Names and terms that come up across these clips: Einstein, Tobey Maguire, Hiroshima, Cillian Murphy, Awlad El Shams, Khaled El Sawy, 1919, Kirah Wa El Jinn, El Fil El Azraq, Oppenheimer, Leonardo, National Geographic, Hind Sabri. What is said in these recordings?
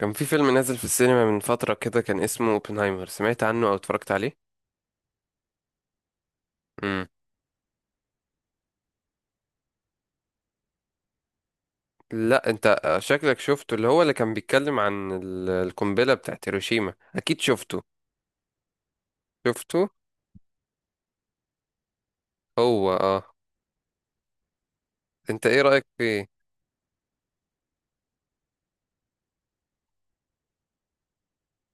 كان في فيلم نازل في السينما من فترة كده، كان اسمه اوبنهايمر. سمعت عنه او اتفرجت عليه؟ امم لا انت شكلك شفته، اللي هو اللي كان بيتكلم عن القنبلة بتاعت هيروشيما، اكيد شفته. شفته هو اه. انت ايه رأيك فيه؟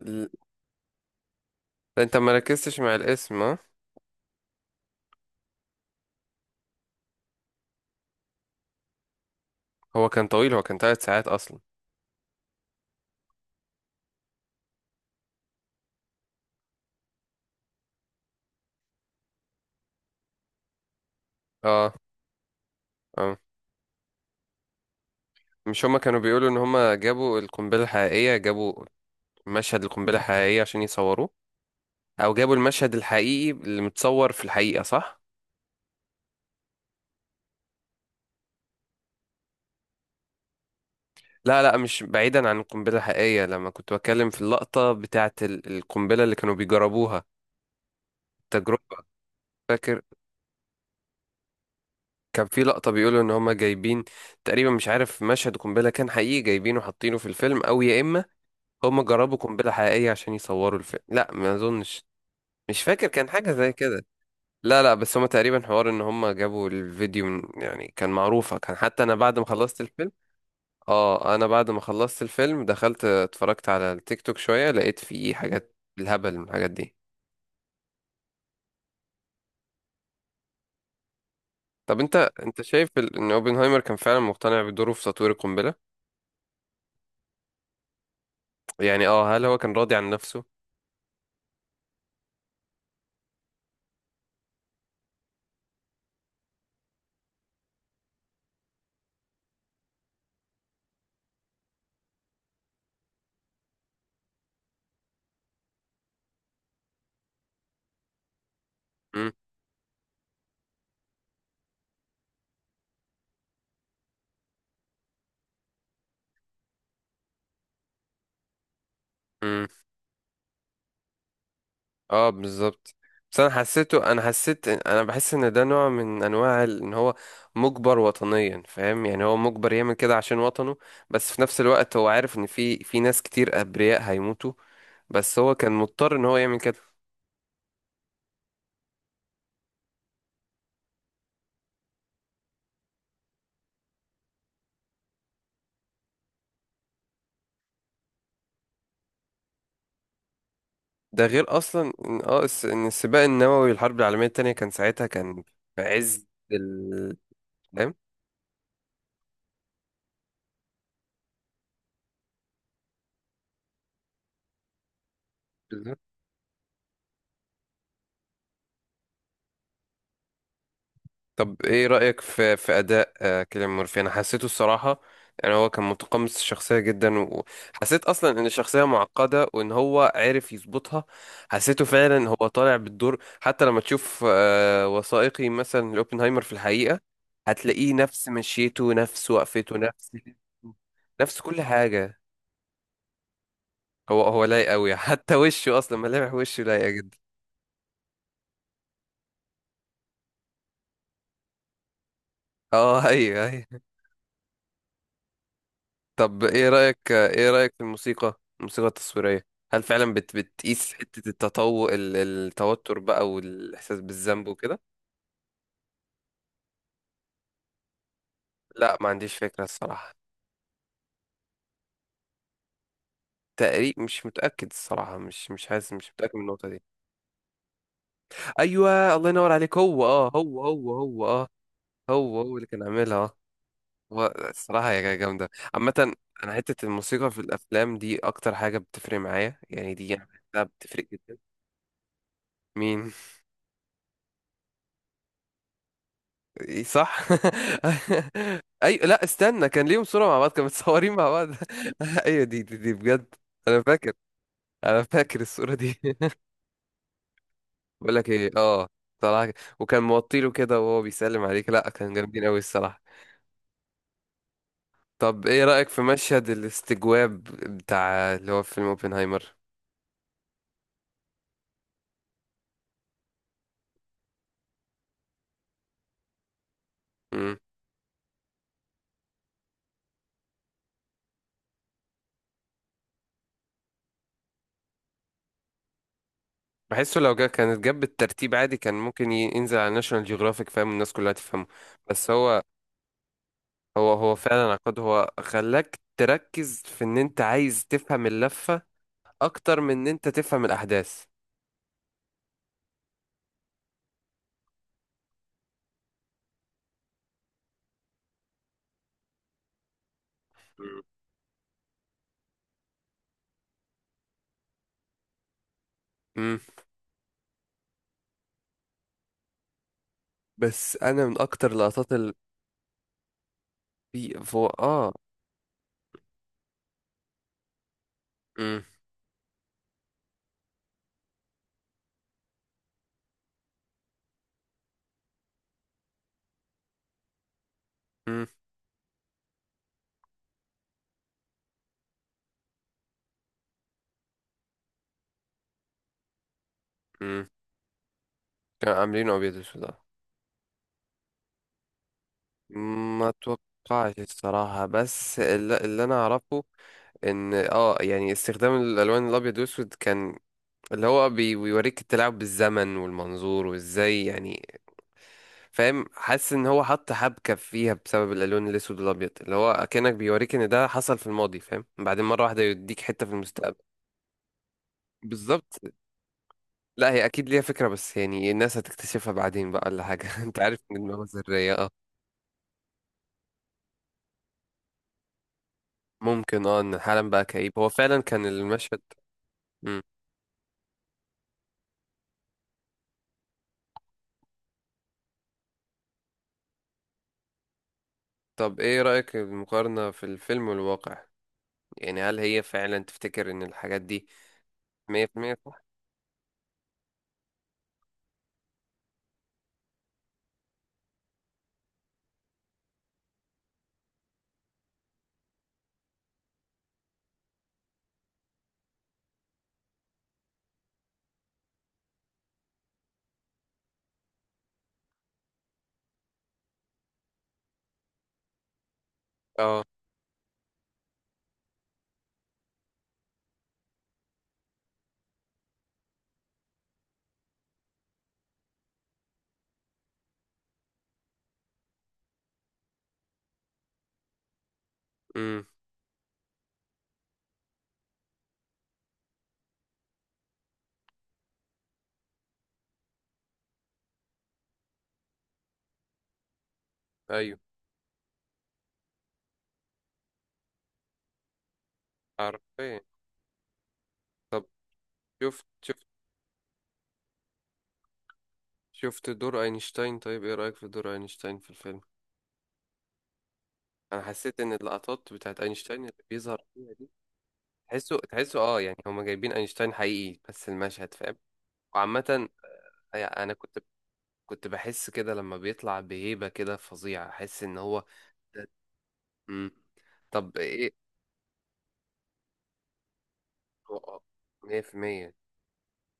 ل- لا، انت ما ركزتش مع الاسم اه. هو كان طويل، هو كان ثلاث ساعات اصلا. اه اه، مش هما كانوا بيقولوا ان هما جابوا القنبلة الحقيقية، جابوا مشهد القنبلة الحقيقية عشان يصوروه؟ او جابوا المشهد الحقيقي اللي متصور في الحقيقة، صح؟ لا لا، مش بعيدا عن القنبلة الحقيقية، لما كنت بتكلم في اللقطة بتاعة القنبلة اللي كانوا بيجربوها، التجربة. فاكر كان في لقطة بيقولوا ان هما جايبين تقريبا، مش عارف، مشهد قنبلة كان حقيقي جايبينه حاطينه في الفيلم، او يا اما هما جربوا قنبلة حقيقية عشان يصوروا الفيلم. لا ما اظنش، مش فاكر، كان حاجة زي كده. لا لا، بس هما تقريبا حوار ان هما جابوا الفيديو من، يعني كان معروفة، كان حتى انا بعد ما خلصت الفيلم. اه، انا بعد ما خلصت الفيلم دخلت اتفرجت على التيك توك شوية، لقيت فيه حاجات الهبل من الحاجات دي. طب انت، انت شايف ان اوبنهايمر كان فعلا مقتنع بدوره في تطوير القنبلة؟ يعني اه، هل هو كان راضي عن نفسه؟ امم امم اه بالظبط. بس انا حسيته، انا حسيت، انا بحس ان ده نوع من انواع ان هو مجبر وطنيا، فاهم؟ يعني هو مجبر يعمل كده عشان وطنه، بس في نفس الوقت هو عارف ان في ناس كتير ابرياء هيموتوا. بس هو كان مضطر ان هو يعمل كده. ده غير اصلا ان اه ان السباق النووي، الحرب العالميه التانية كان ساعتها، كان في عز ال، فاهم؟ بالظبط. طب ايه رايك في اداء كيليان مورفي؟ انا حسيته الصراحه يعني هو كان متقمص الشخصيه جدا، وحسيت اصلا ان الشخصيه معقده وان هو عرف يظبطها. حسيته فعلا هو طالع بالدور. حتى لما تشوف وثائقي مثلا لاوبنهايمر في الحقيقه، هتلاقيه نفس مشيته، نفس وقفته، نفس، نفس كل حاجه. هو هو لايق قوي. حتى وشه اصلا ملامح وشه لايقه جدا. اه ايوه ايوه. طب ايه رايك، ايه رايك في الموسيقى، الموسيقى التصويريه؟ هل فعلا بتقيس حته التطور التوتر بقى والاحساس بالذنب وكده؟ لا ما عنديش فكره الصراحه، تقريب مش متاكد الصراحه، مش حاسس، مش متاكد من النقطه دي. ايوه الله ينور عليك، هو اه، هو اه، هو هو اللي كان عاملها هو الصراحة هي جامدة عامة. أنا حتة الموسيقى في الأفلام دي أكتر حاجة بتفرق معايا، يعني دي أنا بحسها بتفرق جدا. مين؟ إيه صح. أي لا استنى، كان ليهم صورة مع بعض، كانوا متصورين مع بعض؟ أيوة دي بجد. أنا فاكر أنا فاكر الصورة دي. بقول لك إيه أه، طلع وكان موطيله كده وهو بيسلم عليك، لا كان جامدين أوي الصراحة. طب إيه رأيك في مشهد الاستجواب بتاع اللي هو في فيلم أوبنهايمر؟ بحسه لو جا كانت جاب بالترتيب عادي، كان ممكن ينزل على ناشونال جيوغرافيك، فاهم؟ الناس كلها تفهمه. بس هو، هو فعلا عقاد، هو خلاك تركز في ان انت عايز تفهم اللفة اكتر من ان انت تفهم الاحداث. مم. امم بس انا من اكتر اللقطات اللي في فو اه. امم امم امم كانوا عاملينه ابيض واسود ما اتوقعش الصراحه، بس اللي انا اعرفه ان اه يعني استخدام الالوان الابيض واسود كان اللي هو بيوريك التلاعب بالزمن والمنظور وازاي يعني، فاهم؟ حاسس ان هو حط حبكة فيها بسبب الالوان الاسود والابيض، اللي هو اكنك بيوريك ان ده حصل في الماضي، فاهم؟ بعدين مرة واحدة يديك حتة في المستقبل. بالظبط. لا هي اكيد ليها فكرة، بس يعني الناس هتكتشفها بعدين بقى ولا حاجة. انت عارف ان دماغه ذرية اه. ممكن اه، ان حالا بقى كئيب، هو فعلا كان المشهد. مم. طب ايه رأيك المقارنة في الفيلم والواقع؟ يعني هل هي فعلا تفتكر ان الحاجات دي 100% صح؟ اه ايوه. عارفين. طب شفت شفت دور اينشتاين؟ طيب ايه رأيك في دور اينشتاين في الفيلم؟ انا حسيت ان اللقطات بتاعت اينشتاين اللي بيظهر فيها دي، تحسه اه، يعني هما جايبين اينشتاين حقيقي، بس المشهد فاهم. وعامة يعني انا كنت، كنت بحس كده لما بيطلع بهيبة كده فظيعة، احس ان هو ده- مم. طب ايه هو- آه، 100%.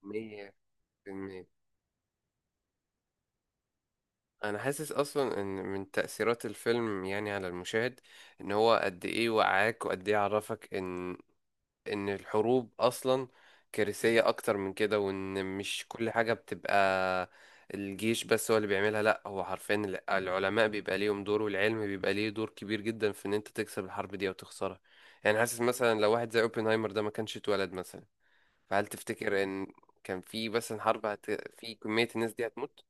100% انا حاسس اصلا ان من تأثيرات الفيلم، يعني على المشاهد، ان هو قد ايه وعاك وقد ايه عرفك ان، ان الحروب اصلا كارثية اكتر من كده، وان مش كل حاجة بتبقى الجيش بس هو اللي بيعملها، لا هو حرفيا العلماء بيبقى ليهم دور والعلم بيبقى ليه دور كبير جدا في ان انت تكسب الحرب دي او تخسرها. يعني حاسس مثلا لو واحد زي اوبنهايمر ده ما كانش اتولد مثلا، فهل تفتكر ان كان في مثلا حرب هت... في كمية الناس دي هتموت؟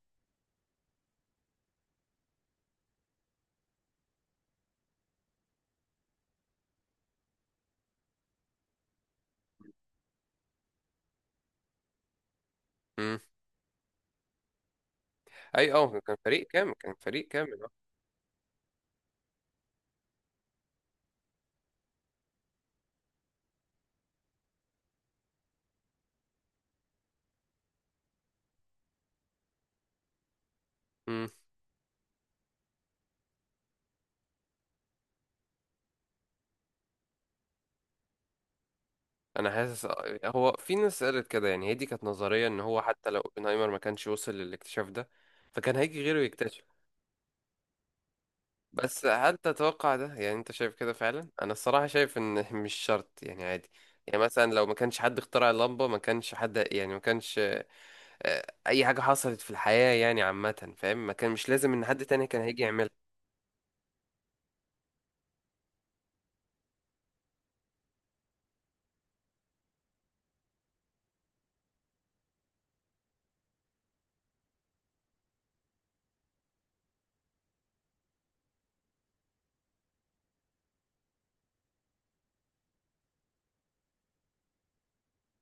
اي اه، كان فريق كامل، كان فريق كامل اه. امم انا حاسس هو في ناس قالت كده، يعني هي دي كانت نظريه ان هو حتى لو اوبنهايمر ما كانش وصل للاكتشاف ده، فكان هيجي غيره يكتشف. بس هل تتوقع ده يعني، انت شايف كده فعلا؟ انا الصراحه شايف ان مش شرط يعني، عادي. يعني مثلا لو ما كانش حد اخترع اللمبه، ما كانش حد، يعني ما كانش اي حاجه حصلت في الحياه يعني عامه، فاهم؟ ما كان مش لازم ان حد تاني كان هيجي يعملها.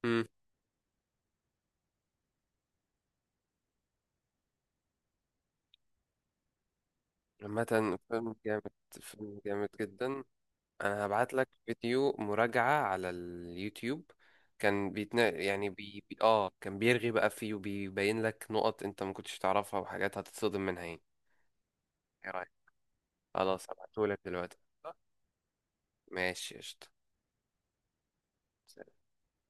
امم عامه فيلم جامد، فيلم جامد جدا. انا هبعت لك فيديو مراجعة على اليوتيوب، كان بيتنا يعني اه، كان بيرغي بقى فيه وبيبين لك نقط انت ما كنتش تعرفها وحاجات هتتصدم منها يعني. ايه رايك؟ خلاص هبعته لك دلوقتي. ماشي قشطة.